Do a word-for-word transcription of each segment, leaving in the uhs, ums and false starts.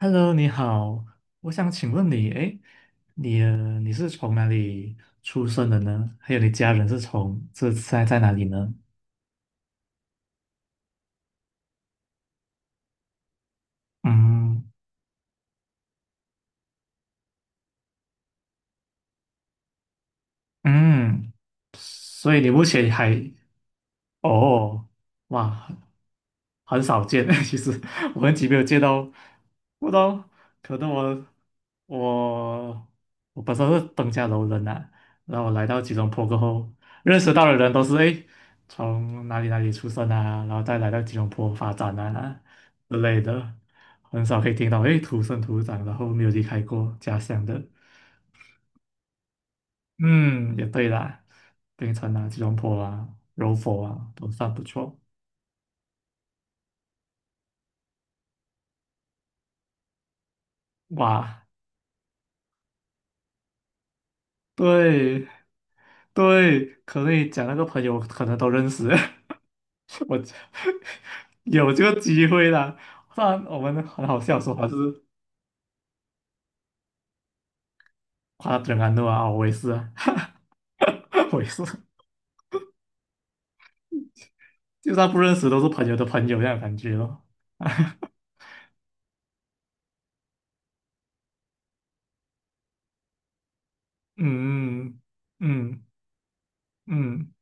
Hello，你好，我想请问你，哎，你呃你是从哪里出生的呢？还有你家人是从这在在哪里呢？嗯嗯，所以你目前还哦，哇，很少见。其实我很久没有见到，不知道可能我我我本身是登嘉楼人呐、然后我来到吉隆坡过后，认识到的人都是诶，从哪里哪里出生啊，然后再来到吉隆坡发展啊之类的，很少可以听到诶土生土长，然后没有离开过家乡的。嗯，也对啦，槟城啊、吉隆坡啊、柔佛啊都算不错。哇，对对，可能你讲那个朋友可能都认识，我有这个机会啦。不然我们很好笑说还是夸他安诺啊，我也是啊，我也是，就算不认识都是朋友的朋友这样的感觉咯。嗯嗯嗯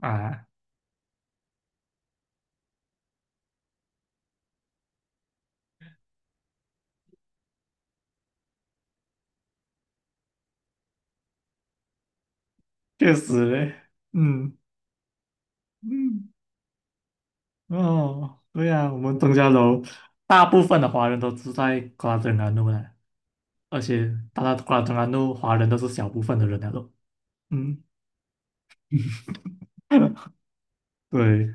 啊，确实嘞，嗯嗯哦，对呀、啊我们登嘉楼大部分的华人都住在夸整安路啦。而且大家果然当然都华人都是小部分的人来了，嗯，对，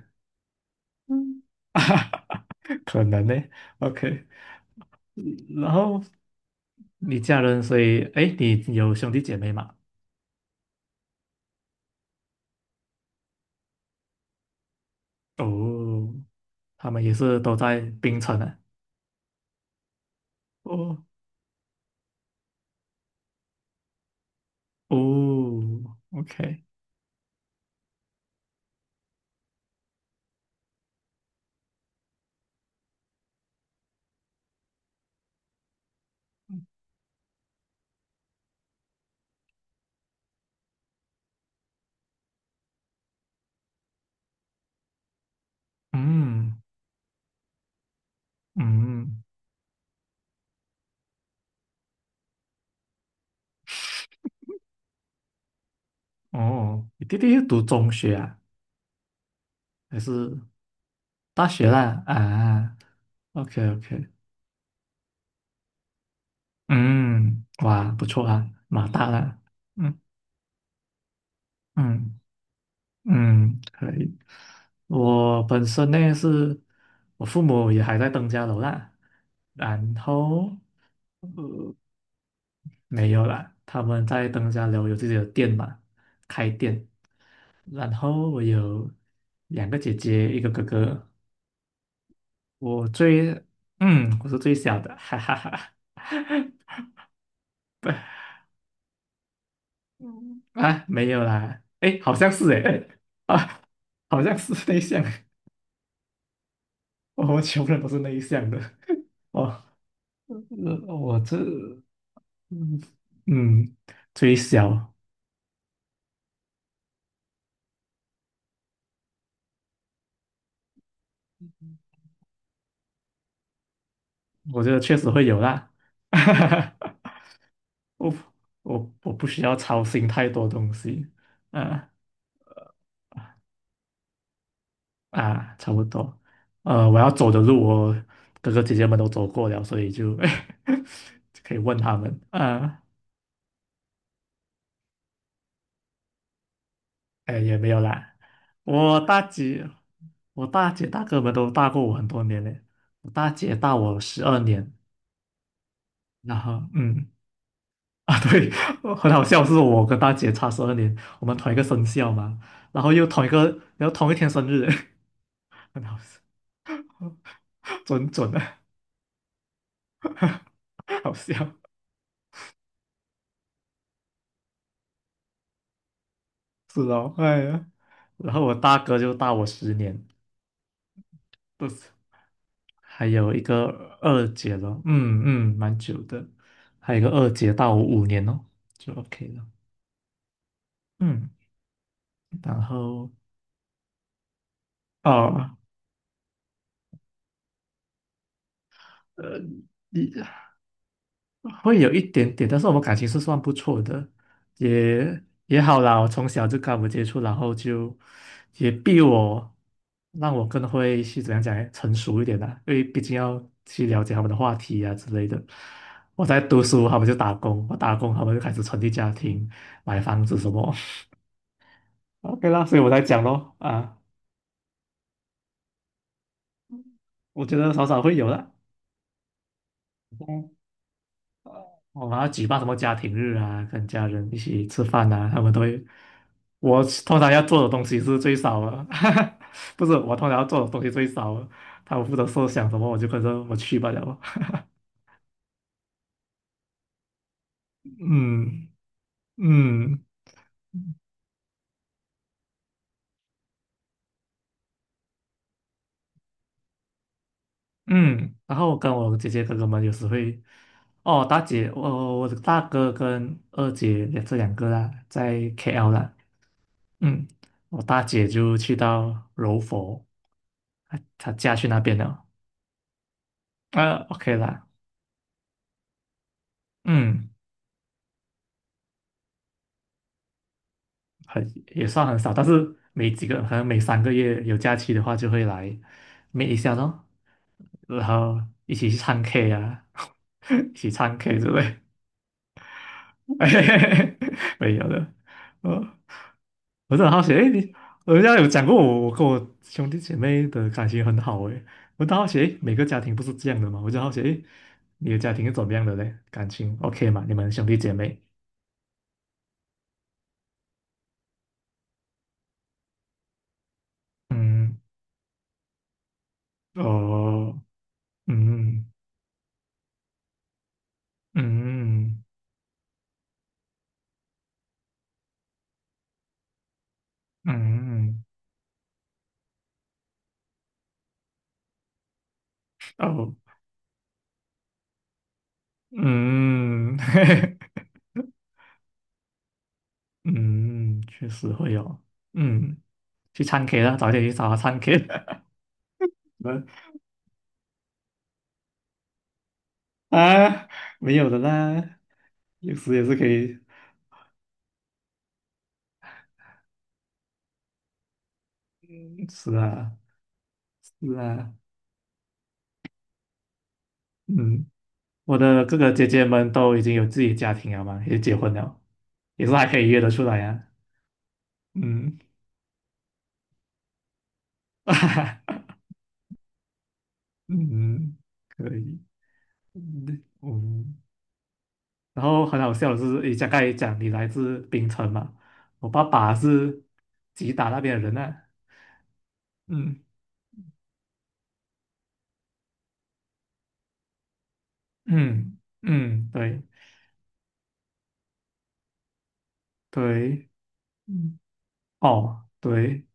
嗯，可能呢，OK，然后你家人，所以哎，你有兄弟姐妹吗？哦，他们也是都在槟城啊，哦哦，OK，嗯嗯，哦，你弟弟读中学啊，还是大学啦？啊，OK OK，嗯，哇，不错啊，马大啦，嗯嗯。嗯，可以。我本身呢是，我父母也还在登家楼啦，然后呃没有啦，他们在登家楼有自己的店嘛，开店。然后我有两个姐姐，一个哥哥，我最嗯我是最小的，哈哈哈。不嗯啊没有啦，诶，好像是诶，啊好像是内向，我们穷人都是内向的。哦，呃，我这，嗯嗯，最小，我觉得确实会有啦。我我我不需要操心太多东西，啊啊，差不多。呃，我要走的路，我哥哥姐姐们都走过了，所以就 就可以问他们。啊，哎，也没有啦。我大姐，我大姐大哥们都大过我很多年嘞。我大姐大我十二年，然后嗯。啊，对，很好笑，是我跟大姐差十二年，我们同一个生肖嘛，然后又同一个，然后同一天生日，很好笑，准准的，好笑，是哦，哎呀，然后我大哥就大我十年，不是，还有一个二姐了，嗯嗯，蛮久的，还有一个二姐大我五年哦，就 OK 了，嗯，然后哦，呃，会有一点点，但是我们感情是算不错的，也也好啦。我从小就跟我接触，然后就也逼我，让我更会去怎样讲呢成熟一点啦。因为毕竟要去了解他们的话题啊之类的。我在读书，他们就打工；我打工，他们就开始成立家庭、买房子什么。OK 啦，所以我在讲咯，啊，我觉得少少会有的。我们要举办什么家庭日啊，跟家人一起吃饭啊，他们都会。我通常要做的东西是最少的，不是我通常要做的东西最少的，他们负责设想什么，我就跟着我去罢了。嗯嗯嗯，然后跟我姐姐哥哥们有时会，哦，大姐，我我的大哥跟二姐这两个啦，在 K L 啦，嗯，我大姐就去到柔佛，她她嫁去那边了，啊，OK 啦，嗯，很也算很少，但是每几个可能每三个月有假期的话，就会来 meet 一下咯，然后一起去唱 K 啊，一起唱 K 之类，没有的。呃，我是很好奇，诶，你人家有讲过我，我跟我兄弟姐妹的感情很好诶，我就好奇，诶，每个家庭不是这样的嘛？我就好奇，诶，你的家庭是怎么样的嘞？感情 OK 嘛？你们兄弟姐妹？嗯，哦，嗯嗯。嗯，哦，嗯，嗯，确实会有，嗯，去唱 K 啦，早点去找他唱 K 啊，没有的啦，有时也是可以，是啊，是啊，嗯，我的哥哥姐姐们都已经有自己家庭了嘛，也结婚了，也是还可以约得出来呀、啊，嗯，嗯，可以，嗯，嗯然后很好笑的是，诶，刚刚也讲你来自槟城嘛，我爸爸是吉打那边的人啊，嗯嗯嗯，对对，嗯哦对，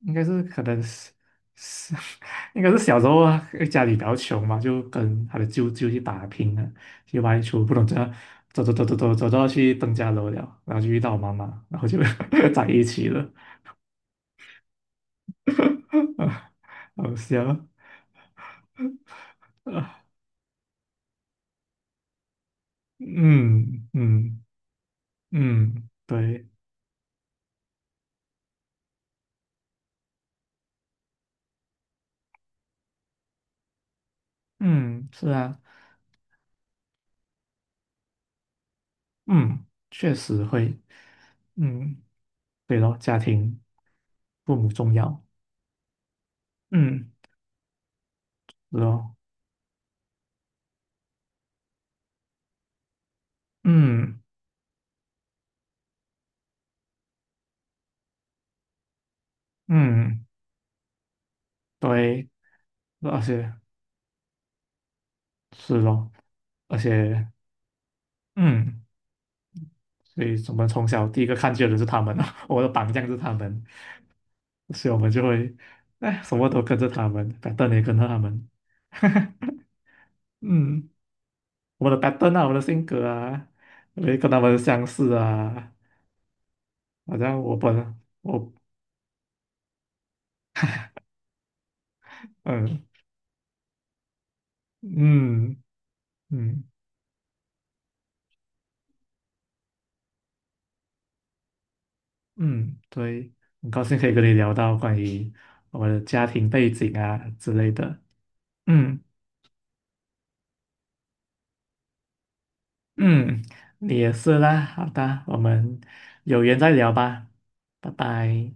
应该是可能是是 应该是小时候啊，家里比较穷嘛，就跟他的舅舅去打拼啊，去外出，不懂怎样走走走走走走到去登家楼了，然后就遇到我妈妈，然后就 在一起了，好笑，嗯嗯。嗯，对，嗯，是啊，嗯，确实会，嗯，对咯，家庭父母重要，嗯，是咯，嗯嗯，对，而且是咯，而且嗯，所以我们从小第一个看见的是他们啊，我的榜样是他们，所以我们就会，哎，什么都跟着他们，pattern 也跟着他们，嗯，我们的 pattern 啊，我们的性格啊，也跟他们相似啊。好像我本我嗯嗯嗯嗯，对，很高兴可以跟你聊到关于我的家庭背景啊之类的。嗯嗯，你也是啦。好的，我们有缘再聊吧，拜拜。